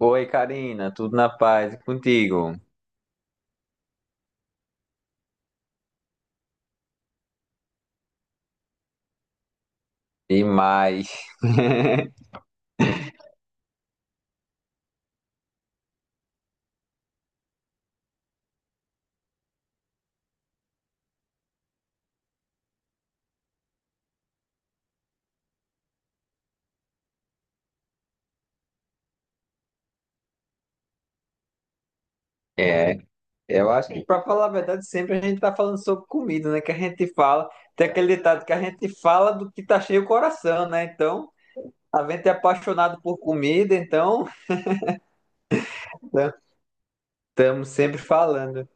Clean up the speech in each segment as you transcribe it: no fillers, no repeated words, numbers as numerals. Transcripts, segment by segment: Oi, Karina, tudo na paz e contigo? E mais. É, eu acho que, pra falar a verdade, sempre a gente tá falando sobre comida, né? Que a gente fala, tem aquele ditado que a gente fala do que tá cheio o coração, né? Então, a gente é apaixonado por comida, então estamos sempre falando.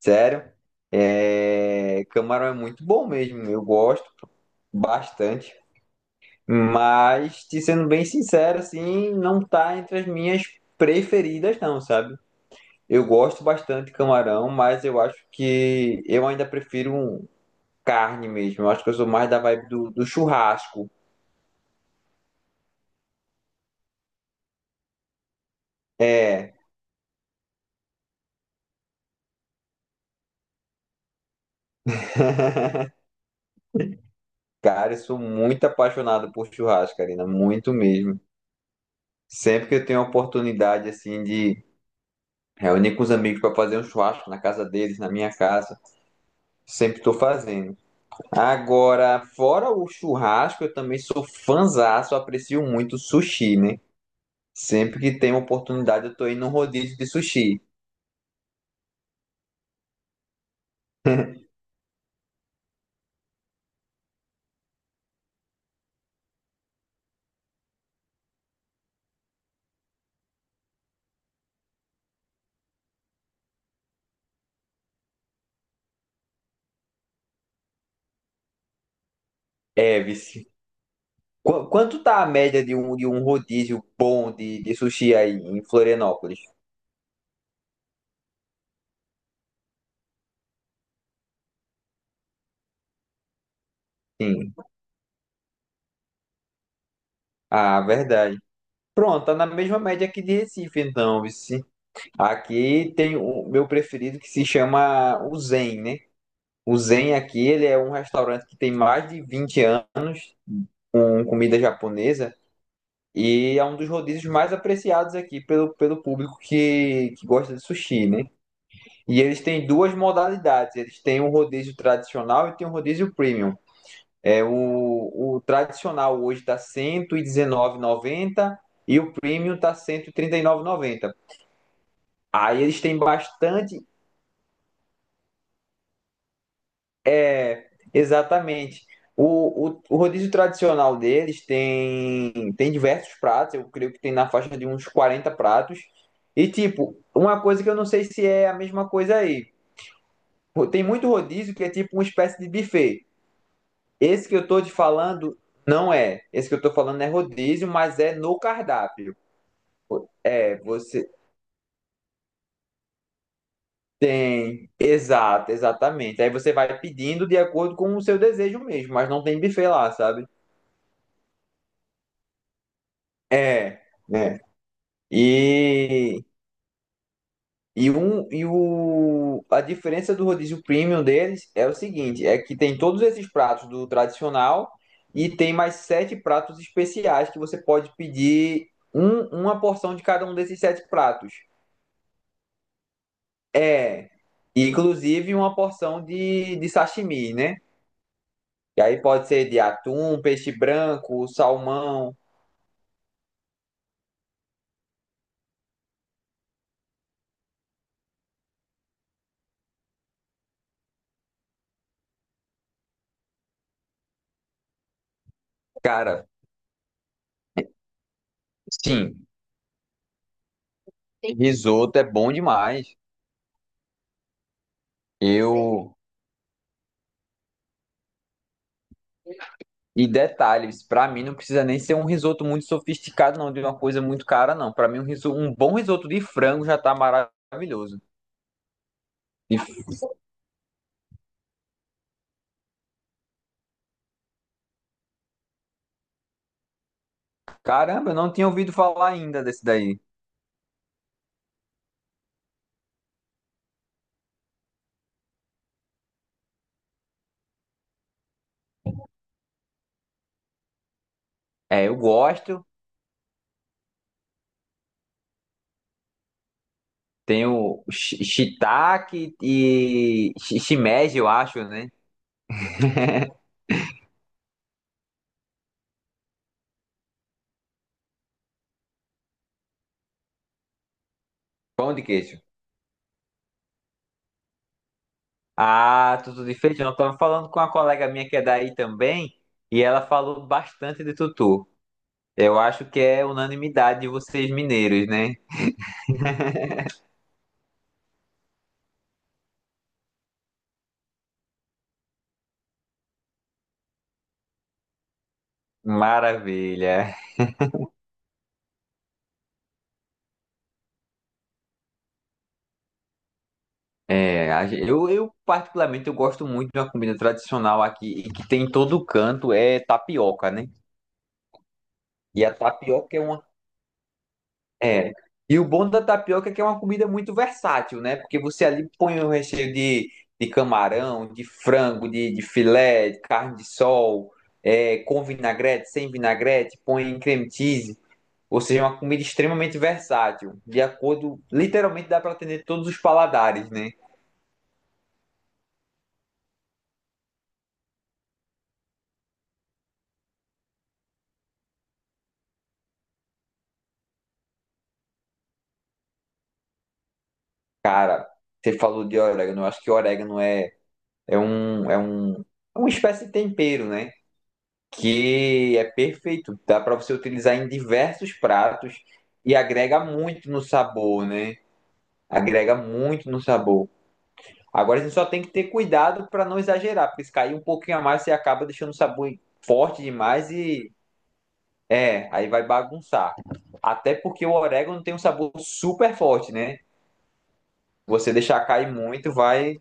Sério, camarão é muito bom mesmo, eu gosto bastante, mas, te sendo bem sincero, assim, não tá entre as minhas preferidas, não, sabe? Eu gosto bastante de camarão, mas eu acho que eu ainda prefiro um carne mesmo. Eu acho que eu sou mais da vibe do churrasco. É, cara, eu sou muito apaixonado por churrasco, Karina, muito mesmo. Sempre que eu tenho a oportunidade assim de reunir com os amigos para fazer um churrasco na casa deles, na minha casa, sempre estou fazendo. Agora, fora o churrasco, eu também sou fãzaço, aprecio muito sushi, né? Sempre que tem uma oportunidade, eu tô indo num rodízio de sushi. É, vice. Quanto tá a média de um rodízio bom de sushi aí em Florianópolis? Sim. Ah, verdade. Pronto, tá na mesma média aqui de Recife, então, vice. Aqui tem o meu preferido que se chama o Zen, né? O Zen aqui, ele é um restaurante que tem mais de 20 anos com comida japonesa e é um dos rodízios mais apreciados aqui pelo público que gosta de sushi, né? E eles têm duas modalidades. Eles têm um rodízio tradicional e tem um rodízio premium. É o tradicional hoje está R$ 119,90 e o premium está R$ cento e trinta e nove e noventa. Aí eles têm bastante, é, exatamente. O rodízio tradicional deles tem diversos pratos. Eu creio que tem na faixa de uns 40 pratos. E tipo, uma coisa que eu não sei se é a mesma coisa aí. Tem muito rodízio que é tipo uma espécie de buffet. Esse que eu tô te falando não é. Esse que eu tô falando é rodízio, mas é no cardápio. É, você tem. Exato, exatamente. Aí você vai pedindo de acordo com o seu desejo mesmo, mas não tem buffet lá, sabe? É, né? E. E, um, e o, a diferença do rodízio premium deles é o seguinte: é que tem todos esses pratos do tradicional e tem mais 7 pratos especiais que você pode pedir uma porção de cada um desses 7 pratos. É, inclusive uma porção de sashimi, né? E aí pode ser de atum, peixe branco, salmão. Cara, sim, risoto é bom demais. Eu. E detalhes, pra mim não precisa nem ser um risoto muito sofisticado, não, de uma coisa muito cara, não. Pra mim, um, um bom risoto de frango já tá maravilhoso. E, caramba, eu não tinha ouvido falar ainda desse daí. É, eu gosto. Tem o shiitake e shimeji, eu acho, né? Pão de queijo. Ah, tutu de feijão. Estava falando com uma colega minha que é daí também, e ela falou bastante de tutu. Eu acho que é unanimidade de vocês mineiros, né? Maravilha. É, eu particularmente eu gosto muito de uma comida tradicional aqui e que tem em todo canto é tapioca, né? E a tapioca é uma É. E o bom da tapioca é que é uma comida muito versátil, né? Porque você ali põe um recheio de camarão, de frango, de filé, de carne de sol, é, com vinagrete, sem vinagrete, põe creme cheese. Ou seja, é uma comida extremamente versátil, de acordo, literalmente dá para atender todos os paladares, né? Cara, você falou de orégano, eu acho que orégano é um, é um, é uma espécie de tempero, né? Que é perfeito. Dá para você utilizar em diversos pratos e agrega muito no sabor, né? Agrega muito no sabor. Agora a gente só tem que ter cuidado para não exagerar, porque se cair um pouquinho a mais, você acaba deixando o sabor forte demais aí vai bagunçar. Até porque o orégano tem um sabor super forte, né? Você deixar cair muito, vai.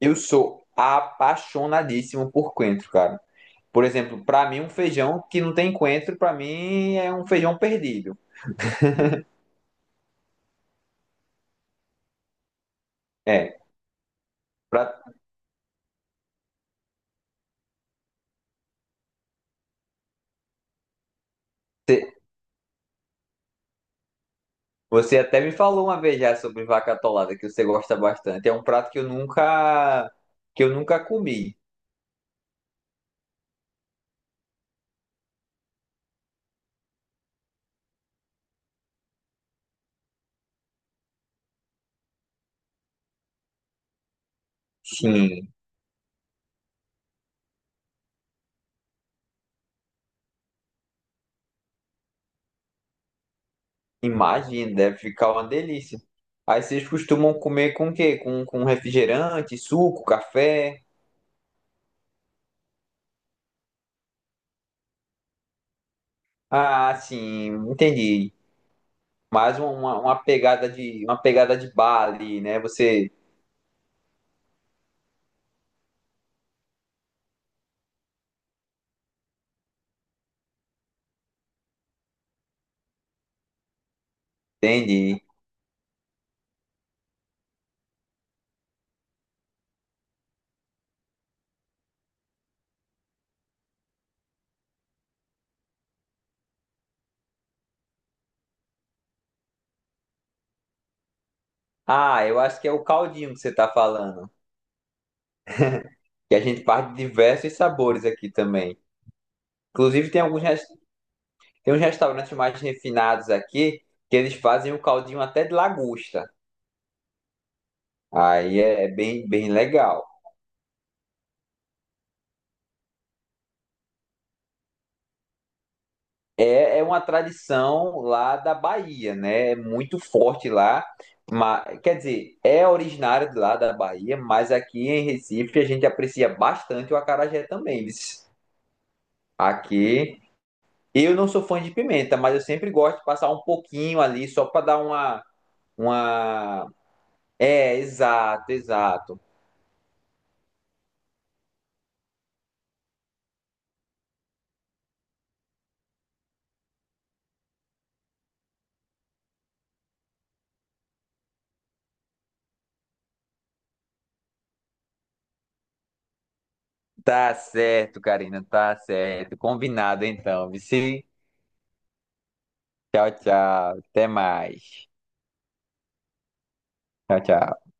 Eu sou apaixonadíssimo por coentro, cara. Por exemplo, para mim, um feijão que não tem coentro, para mim é um feijão perdido. É, pra ter- Você até me falou uma vez já sobre vaca atolada, que você gosta bastante. É um prato que eu nunca comi. Sim, imagina, deve ficar uma delícia. Aí vocês costumam comer com o quê? Com refrigerante, suco, café? Ah, sim, entendi. Mais uma pegada uma pegada de bar ali, né? Você entende? Ah, eu acho que é o caldinho que você está falando. Que a gente parte de diversos sabores aqui também. Inclusive, tem uns restaurantes mais refinados aqui que eles fazem o caldinho até de lagosta. Aí é bem, bem legal. É uma tradição lá da Bahia, né? É muito forte lá. Mas, quer dizer, é originário de lá da Bahia, mas aqui em Recife a gente aprecia bastante o acarajé também, viu? Aqui. Eu não sou fã de pimenta, mas eu sempre gosto de passar um pouquinho ali só para dar uma, uma. É, exato, exato. Tá certo, Karina, tá certo. Combinado então. Vici, tchau, tchau. Até mais. Tchau, tchau.